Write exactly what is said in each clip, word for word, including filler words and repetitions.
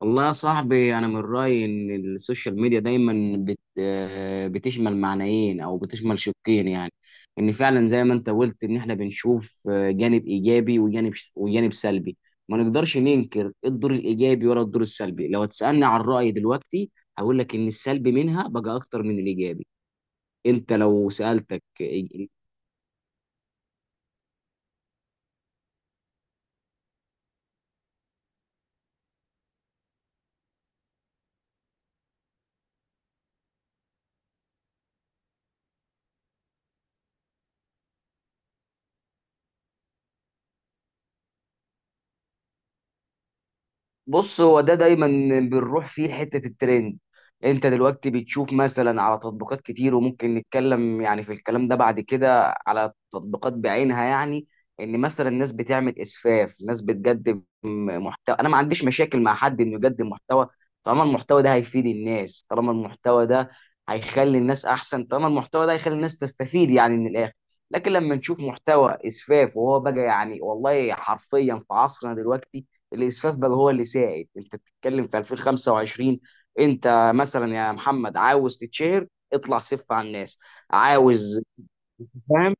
والله يا صاحبي، انا من رايي ان السوشيال ميديا دايما بت آه، بتشمل معنيين او بتشمل شقين، يعني ان فعلا زي ما انت قلت ان احنا بنشوف آه، جانب ايجابي وجانب وجانب سلبي. ما نقدرش ننكر الدور الايجابي ولا الدور السلبي. لو تسالني عن رايي دلوقتي، هقول لك ان السلبي منها بقى اكتر من الايجابي. انت لو سالتك. بص، هو ده دايما بنروح فيه لحته الترند. انت دلوقتي بتشوف مثلا على تطبيقات كتير، وممكن نتكلم يعني في الكلام ده بعد كده على تطبيقات بعينها، يعني ان مثلا الناس بتعمل اسفاف، ناس بتقدم محتوى. انا ما عنديش مشاكل مع حد انه يقدم محتوى طالما المحتوى ده هيفيد الناس، طالما المحتوى ده هيخلي الناس احسن، طالما المحتوى ده هيخلي الناس تستفيد يعني من الاخر. لكن لما نشوف محتوى اسفاف، وهو بقى يعني والله حرفيا في عصرنا دلوقتي الاسفاف بقى هو اللي سائد. انت بتتكلم في ألفين وخمسة وعشرين، انت مثلا يا محمد عاوز تتشهر، اطلع سف على الناس. عاوز فاهم؟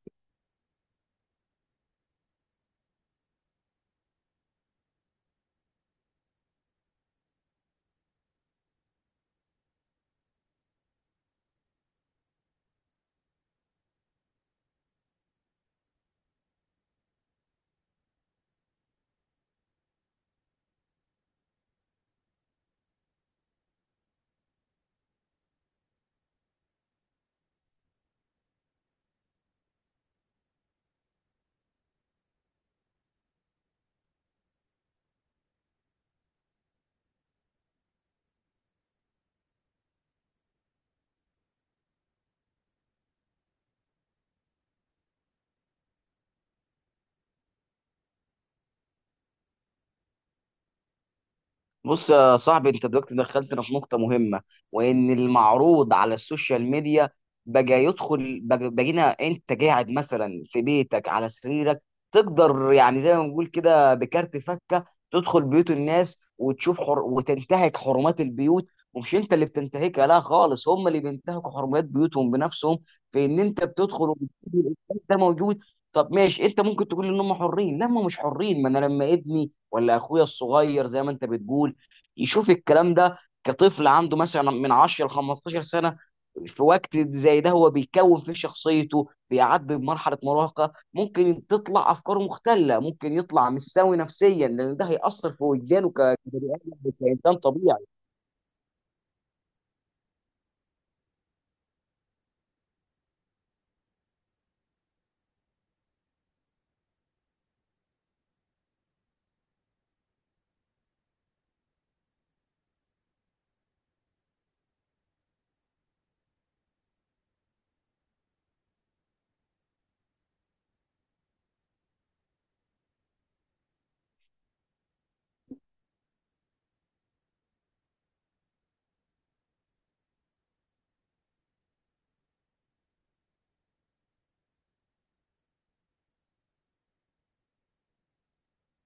بص يا صاحبي، انت دلوقتي دخلتنا في نقطة مهمة، وان المعروض على السوشيال ميديا بقى يدخل بقى- بقينا، انت قاعد مثلا في بيتك على سريرك، تقدر يعني زي ما بنقول كده بكارت فكة تدخل بيوت الناس وتشوف حر... وتنتهك حرمات البيوت. ومش انت اللي بتنتهكها، لا خالص، هم اللي بينتهكوا حرمات بيوتهم بنفسهم، في ان انت بتدخل وبتشوف الإنسان ده موجود. طب ماشي، انت ممكن تقول ان هم حرين. لا، هم مش حرين. ما انا لما ابني ولا اخويا الصغير زي ما انت بتقول يشوف الكلام ده كطفل عنده مثلا من عشر ل خمستاشر سنه، في وقت زي ده هو بيكون في شخصيته بيعدي بمرحله مراهقه، ممكن تطلع افكاره مختله، ممكن يطلع مش سوي نفسيا، لان ده هيأثر في وجدانه ك- كبني آدم، كانسان طبيعي.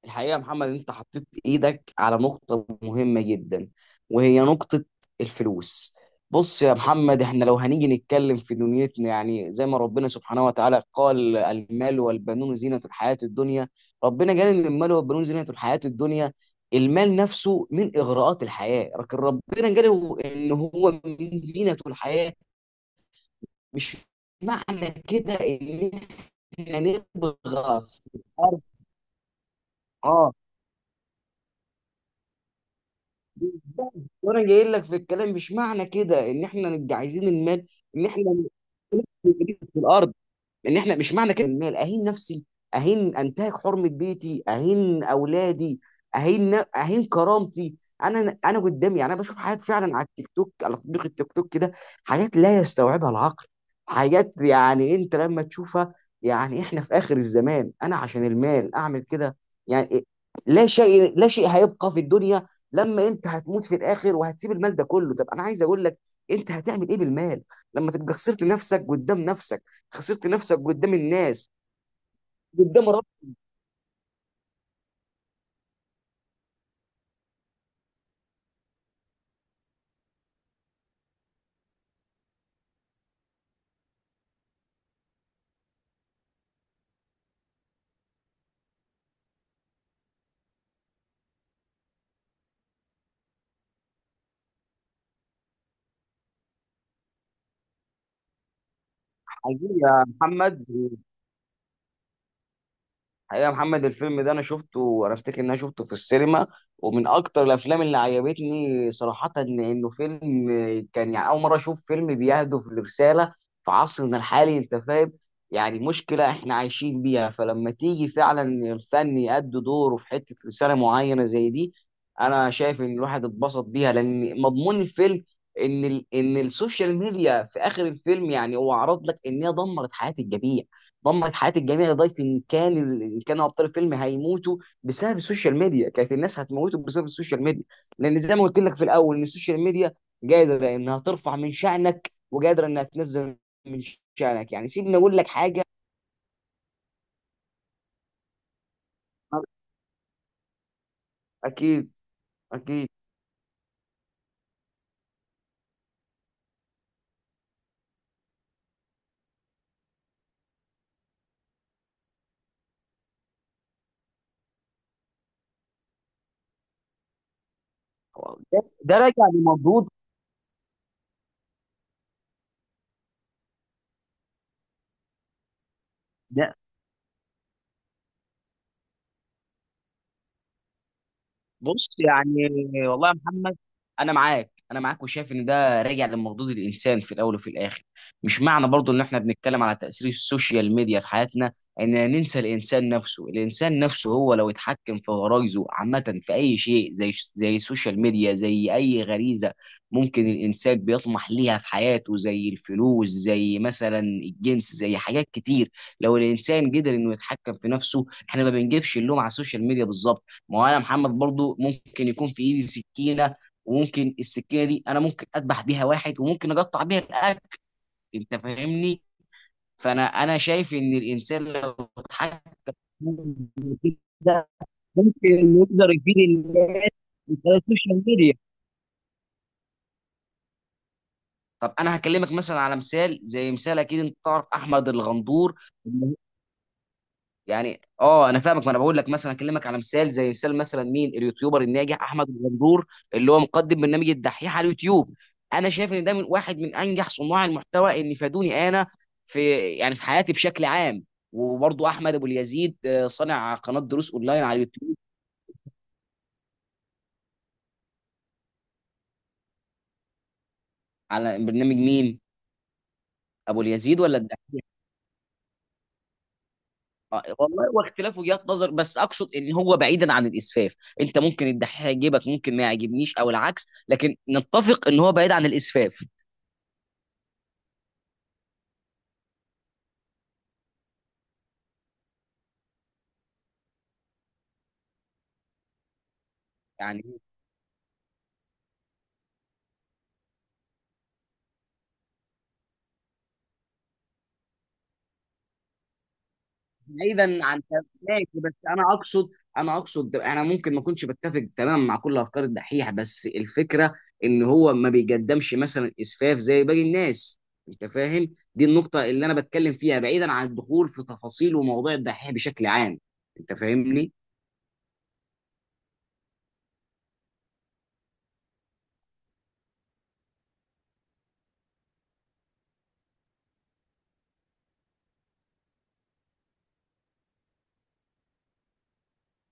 الحقيقة يا محمد، انت حطيت ايدك على نقطة مهمة جدا، وهي نقطة الفلوس. بص يا محمد، احنا لو هنيجي نتكلم في دنيتنا، يعني زي ما ربنا سبحانه وتعالى قال، المال والبنون زينة الحياة الدنيا. ربنا قال ان المال والبنون زينة الحياة الدنيا. المال نفسه من اغراءات الحياة، لكن ربنا قال ان هو من زينة الحياة. مش معنى كده ان احنا نبغى في الارض. اه. وانا جاي لك في الكلام، مش معنى كده ان احنا نبقى عايزين المال، ان احنا نجيب في الارض، ان احنا مش معنى كده المال اهين نفسي، اهين، انتهك حرمه بيتي، اهين اولادي، اهين اهين كرامتي. انا انا قدامي، يعني انا بشوف حاجات فعلا على التيك توك، على تطبيق التيك توك كده، حاجات لا يستوعبها العقل، حاجات يعني انت لما تشوفها، يعني احنا في اخر الزمان انا عشان المال اعمل كده؟ يعني إيه؟ لا شيء، لا شيء هيبقى في الدنيا لما انت هتموت في الاخر وهتسيب المال ده كله. طب انا عايز اقول لك، انت هتعمل ايه بالمال لما تبقى خسرت نفسك قدام نفسك، خسرت نفسك قدام الناس، قدام رب؟ حقيقي يا محمد حقيقة يا محمد، الفيلم ده أنا شفته، وأنا أفتكر إن أنا شفته في السينما، ومن أكتر الأفلام اللي عجبتني صراحة. إن- إنه فيلم كان يعني أول مرة أشوف فيلم بيهدف لرسالة في عصرنا الحالي، أنت فاهم. يعني مشكلة إحنا عايشين بيها، فلما تيجي فعلا الفن يأدي دوره في حتة رسالة معينة زي دي، أنا شايف إن الواحد اتبسط بيها، لأن مضمون الفيلم إن ال إن السوشيال ميديا في آخر الفيلم، يعني هو عرض لك إن هي دمرت حياة الجميع، دمرت حياه الجميع، لدرجه ان كان ان كانوا ابطال الفيلم هيموتوا بسبب السوشيال ميديا، كانت الناس هتموتوا بسبب السوشيال ميديا، لان زي ما قلت لك في الاول ان السوشيال ميديا قادره انها ترفع من شانك وقادره انها تنزل من شانك. يعني سيبني اقول لك حاجه. اكيد، اكيد. ده, ده, راجع لمردود ده. بص يعني والله يا محمد، انا معاك، انا معاك، وشايف ان ده راجع لمردود الانسان في الاول وفي الاخر. مش معنى برضو ان احنا بنتكلم على تاثير السوشيال ميديا في حياتنا اننا ننسى الانسان نفسه. الانسان نفسه هو لو اتحكم في غرايزه عامه في اي شيء، زي زي السوشيال ميديا، زي اي غريزه ممكن الانسان بيطمح ليها في حياته، زي الفلوس، زي مثلا الجنس، زي حاجات كتير. لو الانسان قدر انه يتحكم في نفسه، احنا ما بنجيبش اللوم على السوشيال ميديا بالظبط. ما هو انا محمد برضو ممكن يكون في ايدي سكينه، وممكن السكينه دي انا ممكن اذبح بيها واحد، وممكن اقطع بيها الاكل. انت فاهمني. فانا انا شايف ان الانسان لو اتحكم ده ممكن إنه يقدر يفيد الناس من خلال السوشيال ميديا. طب انا هكلمك مثلا على مثال، زي مثال، اكيد انت تعرف احمد الغندور. يعني اه انا فاهمك، ما انا بقول لك مثلا اكلمك على مثال زي مثال، مثلا مين اليوتيوبر الناجح؟ احمد الغندور اللي هو مقدم برنامج الدحيح على اليوتيوب. انا شايف ان ده من واحد من انجح صناع المحتوى اللي فادوني انا في، يعني في حياتي بشكل عام. وبرضه احمد ابو اليزيد، آه، صانع قناه دروس اونلاين على اليوتيوب. على برنامج مين؟ ابو اليزيد ولا الدحيح؟ آه، والله واختلاف وجهات نظر، بس اقصد ان هو بعيدا عن الاسفاف. انت ممكن الدحيح يعجبك، ممكن ما يعجبنيش، او العكس، لكن نتفق ان هو بعيد عن الاسفاف. يعني بعيدا عن. ماشي، بس انا اقصد انا اقصد انا ممكن ما اكونش بتفق تماما مع كل افكار الدحيح، بس الفكره ان هو ما بيقدمش مثلا اسفاف زي باقي الناس. انت فاهم دي النقطه اللي انا بتكلم فيها بعيدا عن الدخول في تفاصيل ومواضيع الدحيح بشكل عام. انت فاهمني.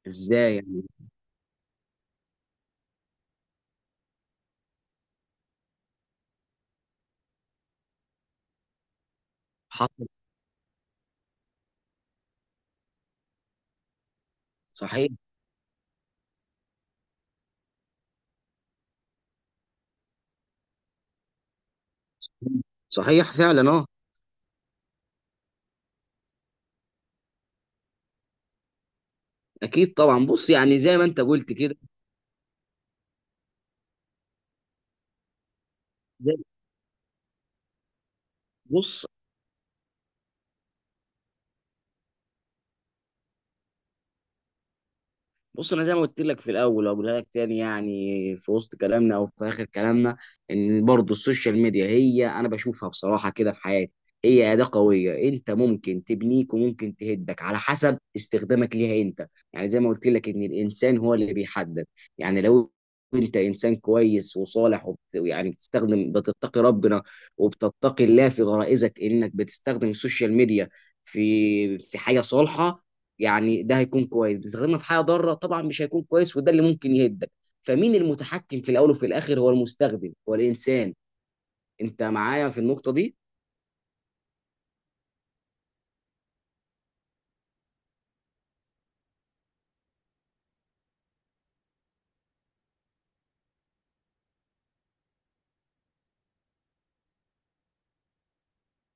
ازاي يعني. حصل. صحيح، صحيح فعلا، اه. اكيد طبعا. بص يعني زي ما انت قلت كده. زي- بص، بص، انا زي ما قلت لك في الاول واقولها لك تاني، يعني في وسط كلامنا او في اخر كلامنا، ان برضو السوشيال ميديا، هي انا بشوفها بصراحه كده في حياتي، هي اداه قويه، انت ممكن تبنيك وممكن تهدك على حسب استخدامك ليها انت، يعني زي ما قلت لك ان الانسان هو اللي بيحدد. يعني لو انت انسان كويس وصالح، ويعني بتستخدم، بتتقي ربنا وبتتقي الله في غرائزك، انك بتستخدم السوشيال ميديا في في حاجه صالحه، يعني ده هيكون كويس. بتستخدمها في حاجه ضاره، طبعا مش هيكون كويس، وده اللي ممكن يهدك. فمين المتحكم في الاول وفي الاخر؟ هو المستخدم، هو الانسان. انت معايا في النقطه دي؟